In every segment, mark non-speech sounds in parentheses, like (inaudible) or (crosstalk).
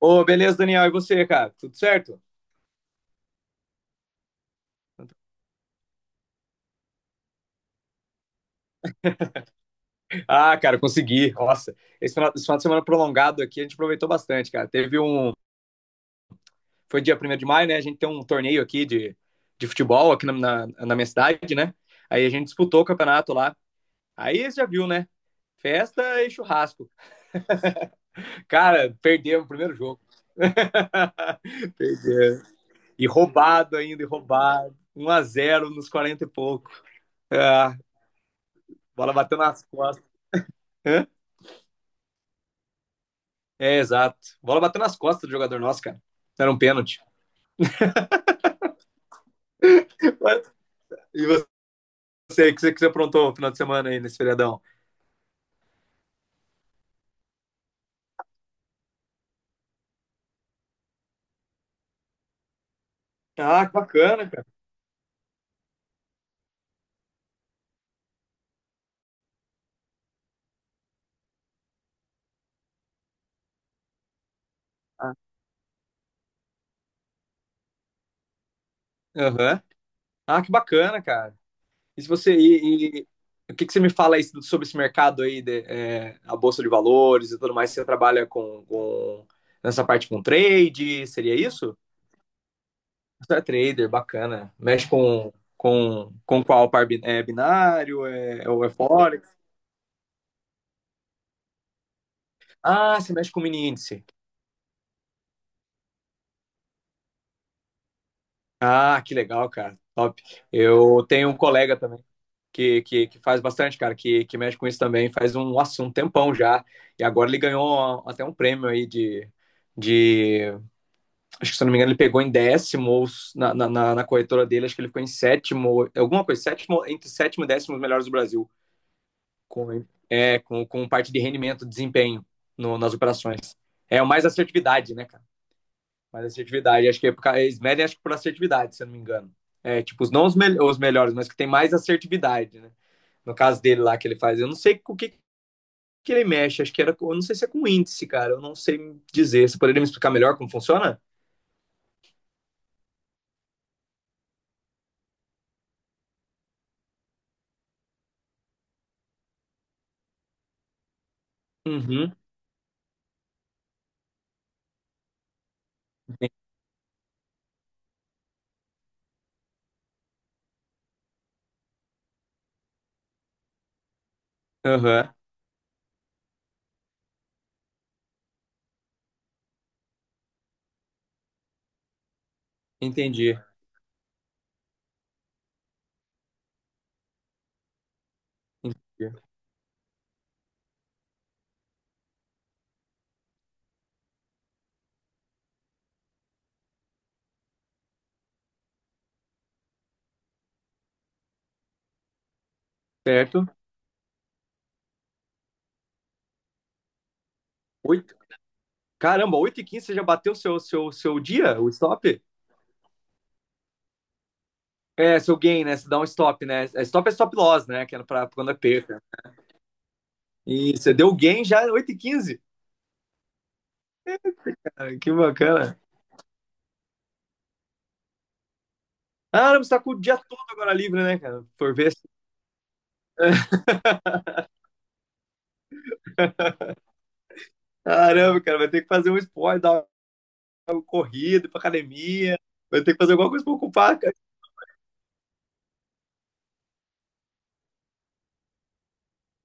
Ô, beleza, Daniel. E você, cara? Tudo certo? Ah, cara, consegui. Nossa, esse final de semana prolongado aqui a gente aproveitou bastante, cara. Teve um. Foi dia 1 de maio, né? A gente tem um torneio aqui de futebol aqui na minha cidade, né? Aí a gente disputou o campeonato lá. Aí você já viu, né? Festa e churrasco. Cara, perdemos o primeiro jogo. (laughs) Perdeu. E roubado ainda, e roubado. 1 a 0 nos 40 e pouco. Ah, bola bateu nas costas. (laughs) É, exato. Bola bateu nas costas do jogador nosso, cara. Era um pênalti. E você, que você aprontou no final de semana aí, nesse feriadão? Ah, que bacana, cara. Aham. Ah, que bacana, cara. E se você. O que você me fala aí sobre esse mercado aí, de, a Bolsa de Valores e tudo mais? Você trabalha nessa parte com trade? Seria isso? Você é trader, bacana. Mexe com qual par é binário? É, ou é Forex? Ah, você mexe com mini índice. Ah, que legal, cara. Top. Eu tenho um colega também que faz bastante, cara, que mexe com isso também, faz um, nossa, um tempão já. E agora ele ganhou até um prêmio aí de, de. Acho que se eu não me engano, ele pegou em 10º ou na corretora dele, acho que ele ficou em sétimo, alguma coisa, sétimo, entre sétimo e 10º os melhores do Brasil. Com, com parte de rendimento, desempenho nas operações. É o mais assertividade, né, cara? Mais assertividade. Acho que é por eles medem, acho que por assertividade, se eu não me engano. É, tipo, não os melhores, mas que tem mais assertividade, né? No caso dele lá que ele faz. Eu não sei com o que ele mexe, acho que era. Eu não sei se é com índice, cara. Eu não sei dizer. Você poderia me explicar melhor como funciona? Uhum. Aham. Uhum. Entendi. Entendi. Certo. Oito. Caramba, 8:15 você já bateu o seu dia, o stop? É, seu gain, né? Você dá um stop, né? É, stop é stop loss, né? Que é pra quando é perca. E você deu gain já 8:15. Ah, que bacana. Caramba, você tá com o dia todo agora livre, né, cara? Por ver. Caramba, cara, vai ter que fazer um esporte, dar uma corrida, ir pra academia. Vai ter que fazer alguma coisa pra ocupar, cara.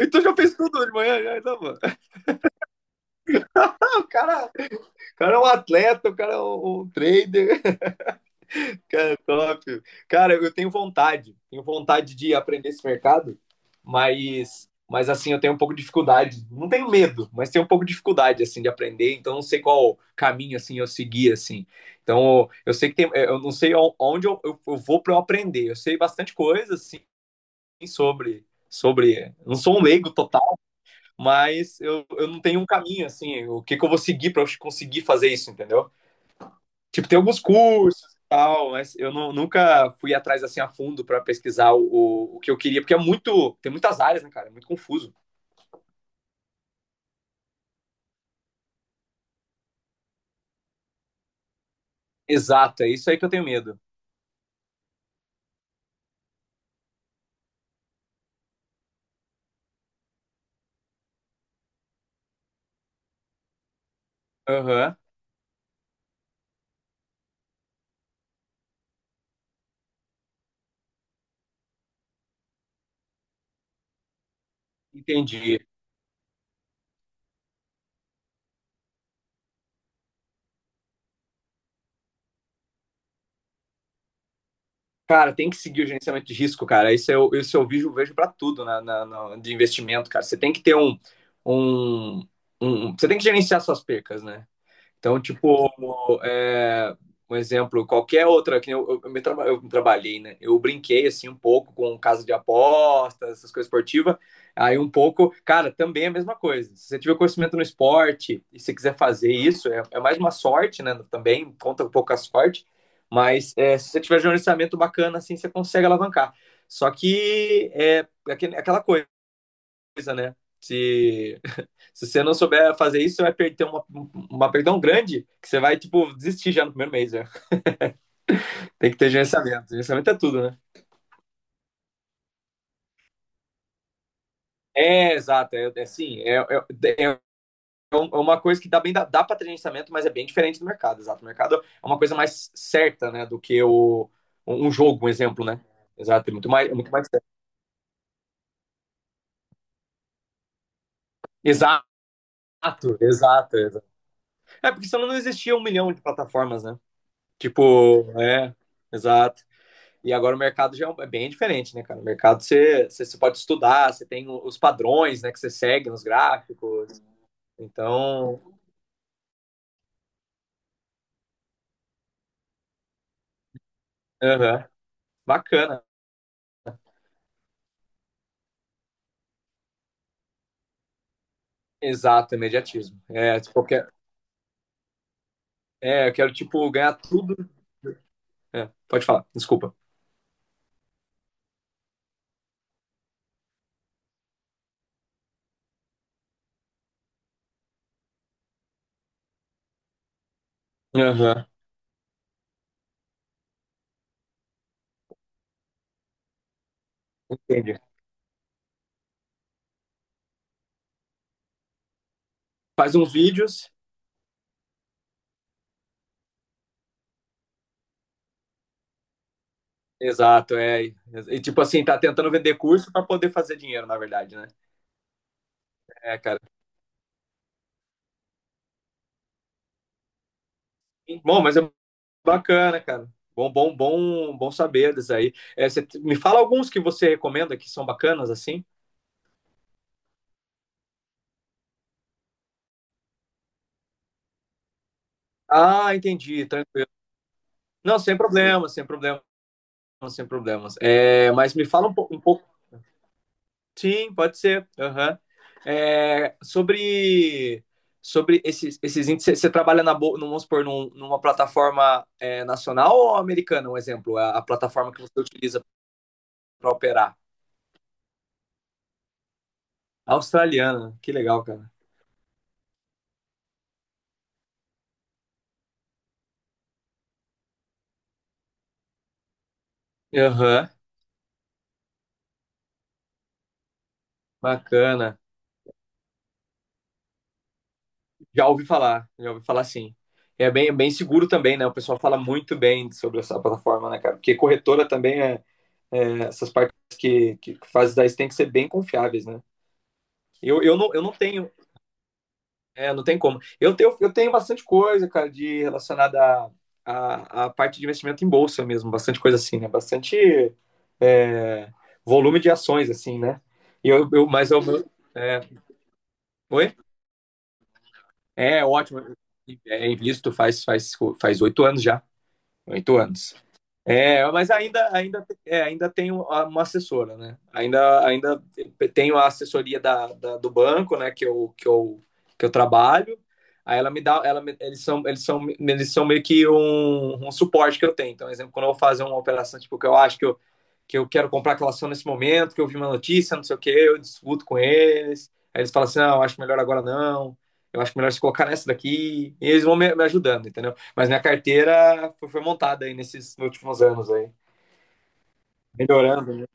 Então já fez tudo de manhã, já. Então, mano. (laughs) O cara é um atleta, o cara é um trader. Cara, top. Cara, eu tenho vontade de aprender esse mercado, mas assim, eu tenho um pouco de dificuldade. Não tenho medo, mas tenho um pouco de dificuldade, assim, de aprender. Então, não sei qual caminho, assim, eu seguir, assim. Então, eu sei que tem, eu não sei onde eu vou para eu aprender. Eu sei bastante coisa, assim, sobre. Não sou um leigo total, mas eu não tenho um caminho, assim, o que eu vou seguir para eu conseguir fazer isso, entendeu? Tipo, tem alguns cursos e tal, mas eu nunca fui atrás assim a fundo para pesquisar o que eu queria, porque é muito, tem muitas áreas, né, cara? É muito confuso. Exato, é isso aí que eu tenho medo. Aham, entendi. Cara, tem que seguir o gerenciamento de risco, cara. Isso eu vejo, vejo para tudo de investimento, cara. Você tem que ter um, Você tem que gerenciar suas percas, né? Então, tipo, é, um exemplo, qualquer outra, que nem eu trabalhei, né? Eu brinquei, assim, um pouco com casa de apostas, essas coisas esportivas. Aí um pouco, cara, também é a mesma coisa. Se você tiver conhecimento no esporte e você quiser fazer isso, é mais uma sorte, né? Também conta um pouco a sorte. Mas é, se você tiver gerenciamento bacana, assim, você consegue alavancar. Só que é aquela coisa, né? Se se você não souber fazer isso, você vai perder uma perda tão grande que você vai, tipo, desistir já no primeiro mês, né? Tem que ter gerenciamento. Gerenciamento é tudo, né? É, exato. É assim, é uma coisa que dá para ter gerenciamento, mas é bem diferente do mercado, exato. O mercado é uma coisa mais certa, né, do que o, um um jogo, um exemplo, né? Exato, é muito mais certo. Exato, exato, exato. É porque senão não existia um milhão de plataformas, né? Tipo, é, exato. E agora o mercado já é bem diferente, né, cara? O mercado você pode estudar, você tem os padrões, né, que você segue nos gráficos. Então, aham, bacana. Exato, imediatismo. É, tipo, eu quero, tipo, ganhar tudo. É, pode falar, desculpa. Aham, entendi. Faz uns vídeos. Exato, é. E, tipo assim, tá tentando vender curso para poder fazer dinheiro, na verdade, né? É, cara. Bom, bacana, cara. Bom saber disso aí. É, me fala alguns que você recomenda que são bacanas assim? Ah, entendi. Tranquilo. Não, sem problemas, sem problemas, sem problemas. É, mas me fala um pouco. Sim, pode ser. Aham. É, sobre esses índices, você trabalha vamos supor, numa plataforma nacional ou americana, um exemplo? A plataforma que você utiliza para operar? Australiana. Que legal, cara. Aham. Bacana. Já ouvi falar sim. É bem seguro também, né? O pessoal fala muito bem sobre essa plataforma, né, cara? Porque corretora também, essas partes que fazem daí tem que ser bem confiáveis, né? Eu, não, eu não tenho, não tem como. Eu tenho bastante coisa, cara, de relacionada à parte de investimento em bolsa mesmo, bastante coisa assim, né? Bastante é, volume de ações, assim, né? E eu, mas eu, é, oi? É ótimo. É, invisto faz 8 anos já. 8 anos. É, mas ainda tenho uma assessora, né? Ainda tenho a assessoria do banco, né? Que eu trabalho. Aí ela me dá, eles são meio que um suporte que eu tenho. Então, por exemplo, quando eu vou fazer uma operação, tipo, que eu acho que eu quero comprar aquela ação nesse momento, que eu vi uma notícia, não sei o quê, eu discuto com eles. Aí eles falam assim, não, eu acho melhor agora não. Eu acho melhor se colocar nessa daqui. E eles vão me ajudando, entendeu? Mas minha carteira foi montada aí nesses últimos anos aí. Melhorando, né?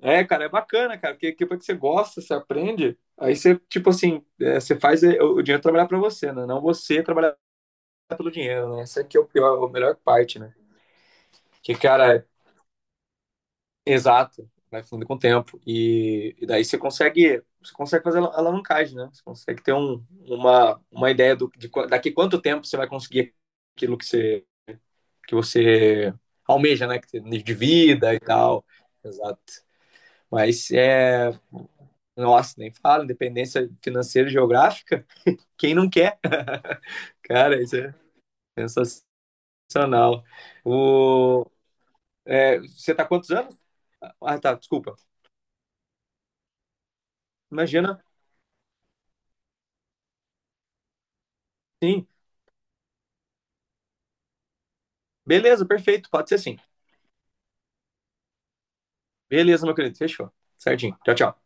É, cara, é bacana, cara, porque depois que você gosta, você aprende, aí você, tipo assim, você faz o dinheiro trabalhar pra você, né? Não você trabalhar pelo dinheiro, né? Essa aqui é o pior, a melhor parte, né? Que, cara, é exato, vai fundo com o tempo. E daí você consegue fazer alavancagem, né? Você consegue ter uma ideia daqui quanto tempo você vai conseguir aquilo que você almeja, né, de vida e tal. Exato. Mas é. Nossa, nem falo, independência financeira e geográfica, quem não quer? Cara, isso é sensacional. O... É, você tá há quantos anos? Ah, tá, desculpa. Imagina, sim. Beleza, perfeito, pode ser sim. Beleza, meu querido, fechou. Certinho. Tchau, tchau.